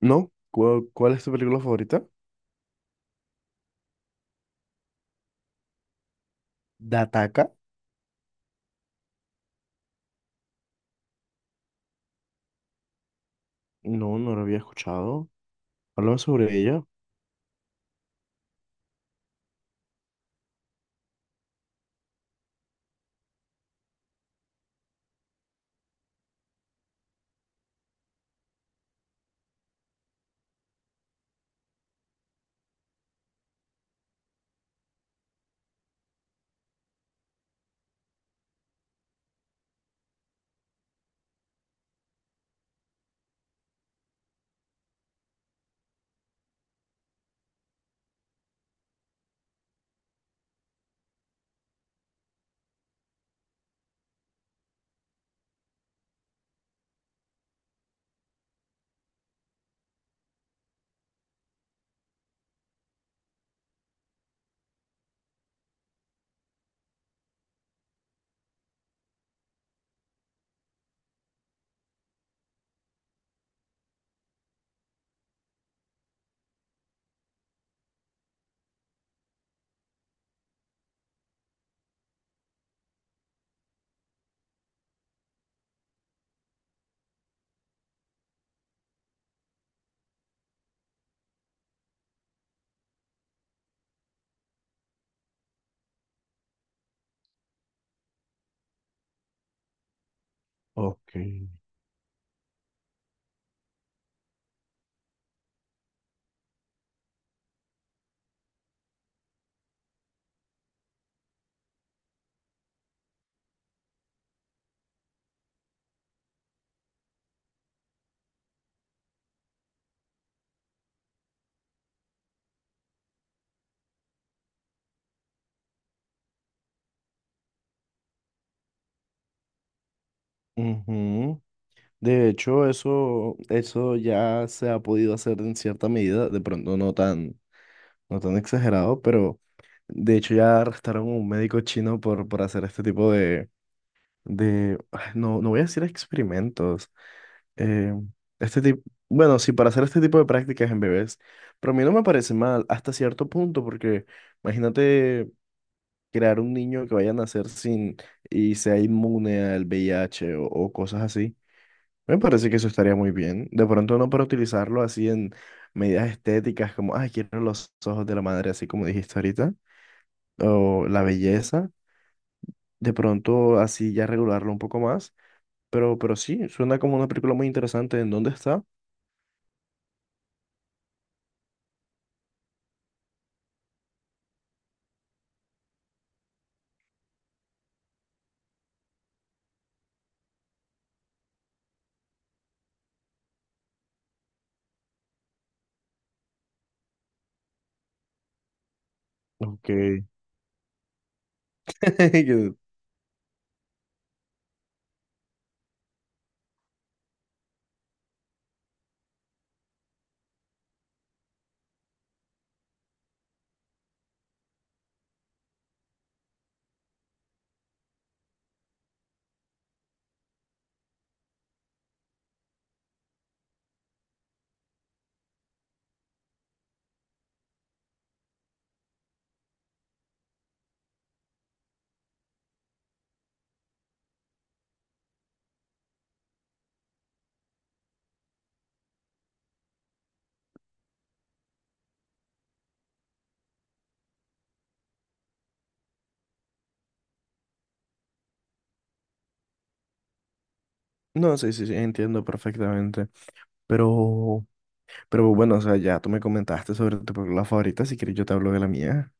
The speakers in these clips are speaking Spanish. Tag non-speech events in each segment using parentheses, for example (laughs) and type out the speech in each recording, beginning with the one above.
¿No? ¿¿Cuál es tu película favorita? Dataka. No la había escuchado. Háblame sobre ella. Ok. Ujú. De hecho, eso ya se ha podido hacer en cierta medida, de pronto no tan exagerado, pero de hecho ya arrestaron a un médico chino por hacer este tipo de, no, no voy a decir experimentos, eh, este tipo, bueno, sí, para hacer este tipo de prácticas en bebés, pero a mí no me parece mal hasta cierto punto, porque imagínate crear un niño que vaya a nacer sin y sea inmune al VIH o cosas así. Me parece que eso estaría muy bien. De pronto no para utilizarlo así en medidas estéticas como, ay, quiero los ojos de la madre, así como dijiste ahorita, o la belleza. De pronto así ya regularlo un poco más. Pero sí, suena como una película muy interesante. ¿En dónde está? Ok. (laughs) No, sí, sí, sí, entiendo perfectamente. Pero, pero bueno, o sea, ya tú me comentaste sobre tu película favorita. Si quieres, yo te hablo de la mía.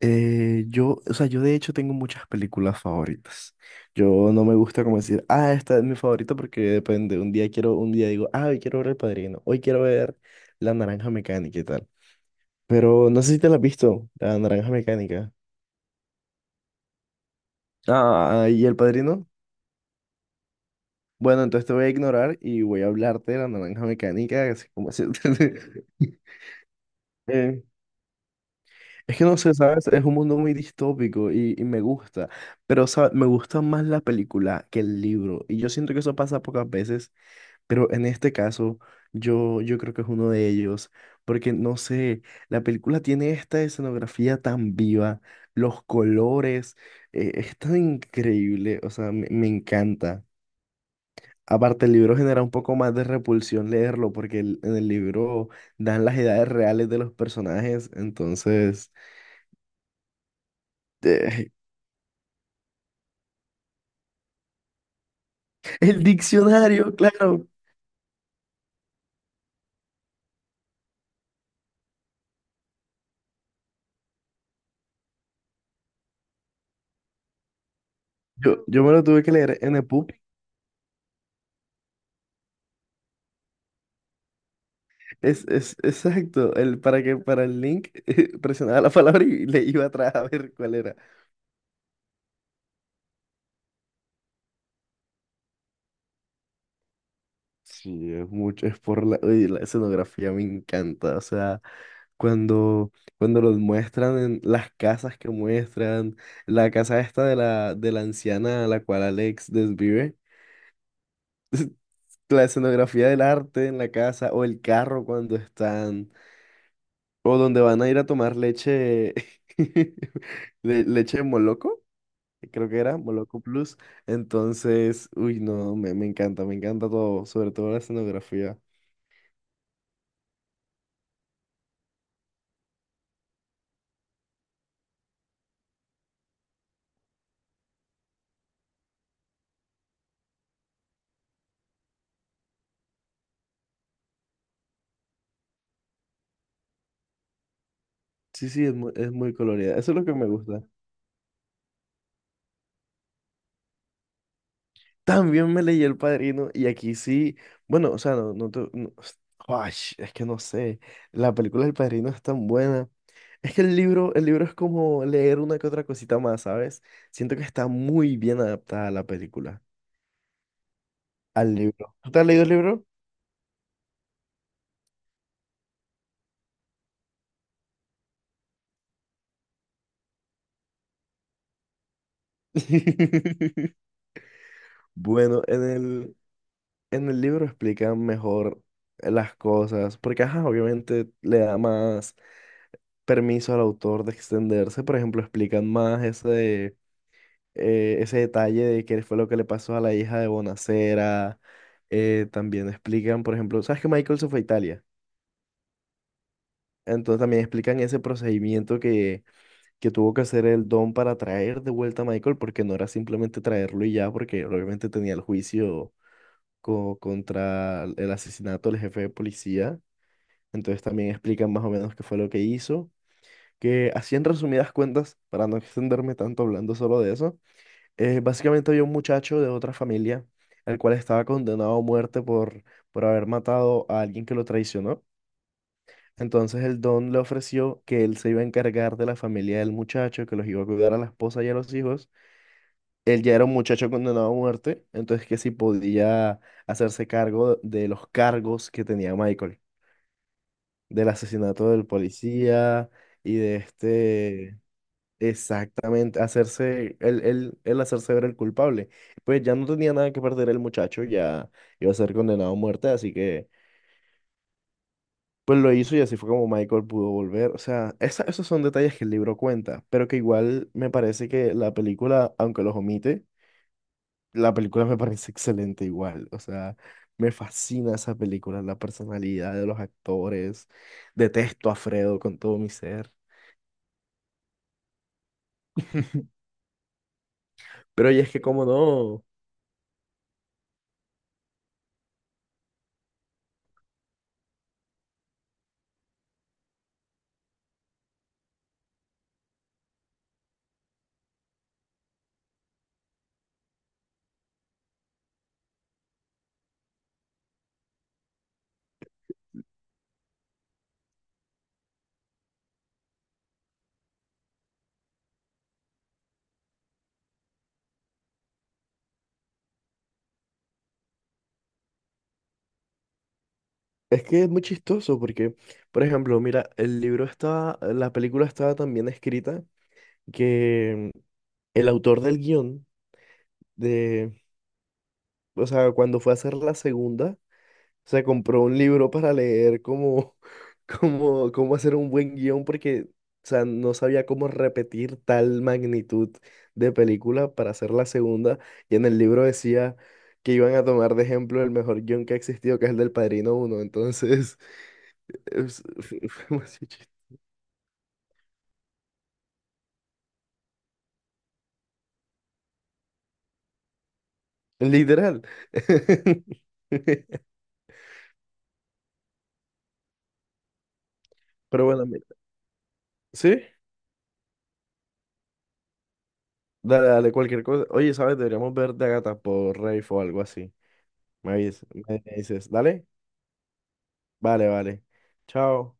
O sea, yo de hecho tengo muchas películas favoritas. Yo no me gusta como decir, ah, esta es mi favorita porque depende. Un día digo, ah, hoy quiero ver El Padrino, hoy quiero ver La Naranja Mecánica y tal. Pero no sé si te la has visto, La Naranja Mecánica. Ah, ¿y El Padrino? Bueno, entonces te voy a ignorar y voy a hablarte de La Naranja Mecánica, así como así. (laughs) Eh, Es que no sé, ¿sabes? Es un mundo muy distópico y me gusta, pero ¿sabes? Me gusta más la película que el libro y yo siento que eso pasa pocas veces, pero en este caso yo creo que es uno de ellos, porque no sé, la película tiene esta escenografía tan viva, los colores, es tan increíble, o sea, me encanta. Aparte, el libro genera un poco más de repulsión leerlo, porque en el libro dan las edades reales de los personajes, entonces... eh, El diccionario, claro. Yo me lo tuve que leer en el pub. Es exacto. El, para que para el link (laughs) presionaba la palabra y le iba atrás a ver cuál era. Sí, es mucho, es por la, uy, la escenografía me encanta. O sea, cuando, cuando los muestran en las casas que muestran, la casa esta de la anciana a la cual Alex desvive, (laughs) la escenografía del arte en la casa o el carro cuando están. O donde van a ir a tomar leche, (laughs) leche de Moloco, creo que era, Moloco Plus. Entonces, uy, no, me encanta todo, sobre todo la escenografía. Sí, sí, es muy colorida, eso es lo que me gusta. También me leí El Padrino y aquí sí, bueno, o sea, Ay, es que no sé, la película del Padrino es tan buena. Es que el libro es como leer una que otra cosita más, ¿sabes? Siento que está muy bien adaptada a la película, al libro. ¿Tú te has leído el libro? (laughs) Bueno, en el libro explican mejor las cosas, porque ajá, obviamente le da más permiso al autor de extenderse, por ejemplo, ese detalle de qué fue lo que le pasó a la hija de Bonacera, también explican, por ejemplo, ¿sabes que Michael se fue a Italia? Entonces también explican ese que tuvo que hacer el Don para traer de vuelta a Michael, porque no era simplemente traerlo y ya, porque obviamente tenía el juicio contra el asesinato del jefe de policía. Entonces también explican más o menos qué fue lo que hizo. Que así en resumidas cuentas, para no extenderme tanto hablando solo de eso, básicamente había un muchacho de otra familia, el cual estaba condenado a muerte por haber matado a alguien que lo traicionó. Entonces el don le ofreció que él se iba a encargar de la familia del muchacho, que los iba a cuidar a la esposa y a los hijos, él ya era un muchacho condenado a muerte, entonces que si podía hacerse cargo de los cargos que tenía Michael, del asesinato del policía y de este, exactamente, hacerse, él hacerse ver el culpable. Pues ya no tenía nada que perder el muchacho, ya iba a ser condenado a muerte, así que pues lo hizo y así fue como Michael pudo volver. O sea, esos son detalles que el libro cuenta, pero que igual me parece que la película, aunque los omite, la película me parece excelente igual, o sea, me fascina esa película, la personalidad de los actores, detesto a Fredo con todo mi ser. Pero y es que como no, es que es muy chistoso porque, por ejemplo, mira, la película estaba tan bien escrita que el autor del guión de, o sea, cuando fue a hacer la segunda, se compró un libro para leer cómo, (laughs) cómo hacer un buen guión porque, o sea, no sabía cómo repetir tal magnitud de película para hacer la segunda. Y en el libro decía que iban a tomar de ejemplo el mejor guión que ha existido, que es el del Padrino I. Entonces, (laughs) (laughs) fue demasiado literal. (laughs) Pero bueno, mira, ¿sí? Dale, dale, cualquier cosa. Oye, ¿sabes? Deberíamos ver de Agatha por Rafe o algo así. Me dices, ¿dale? Vale, vale. Chao.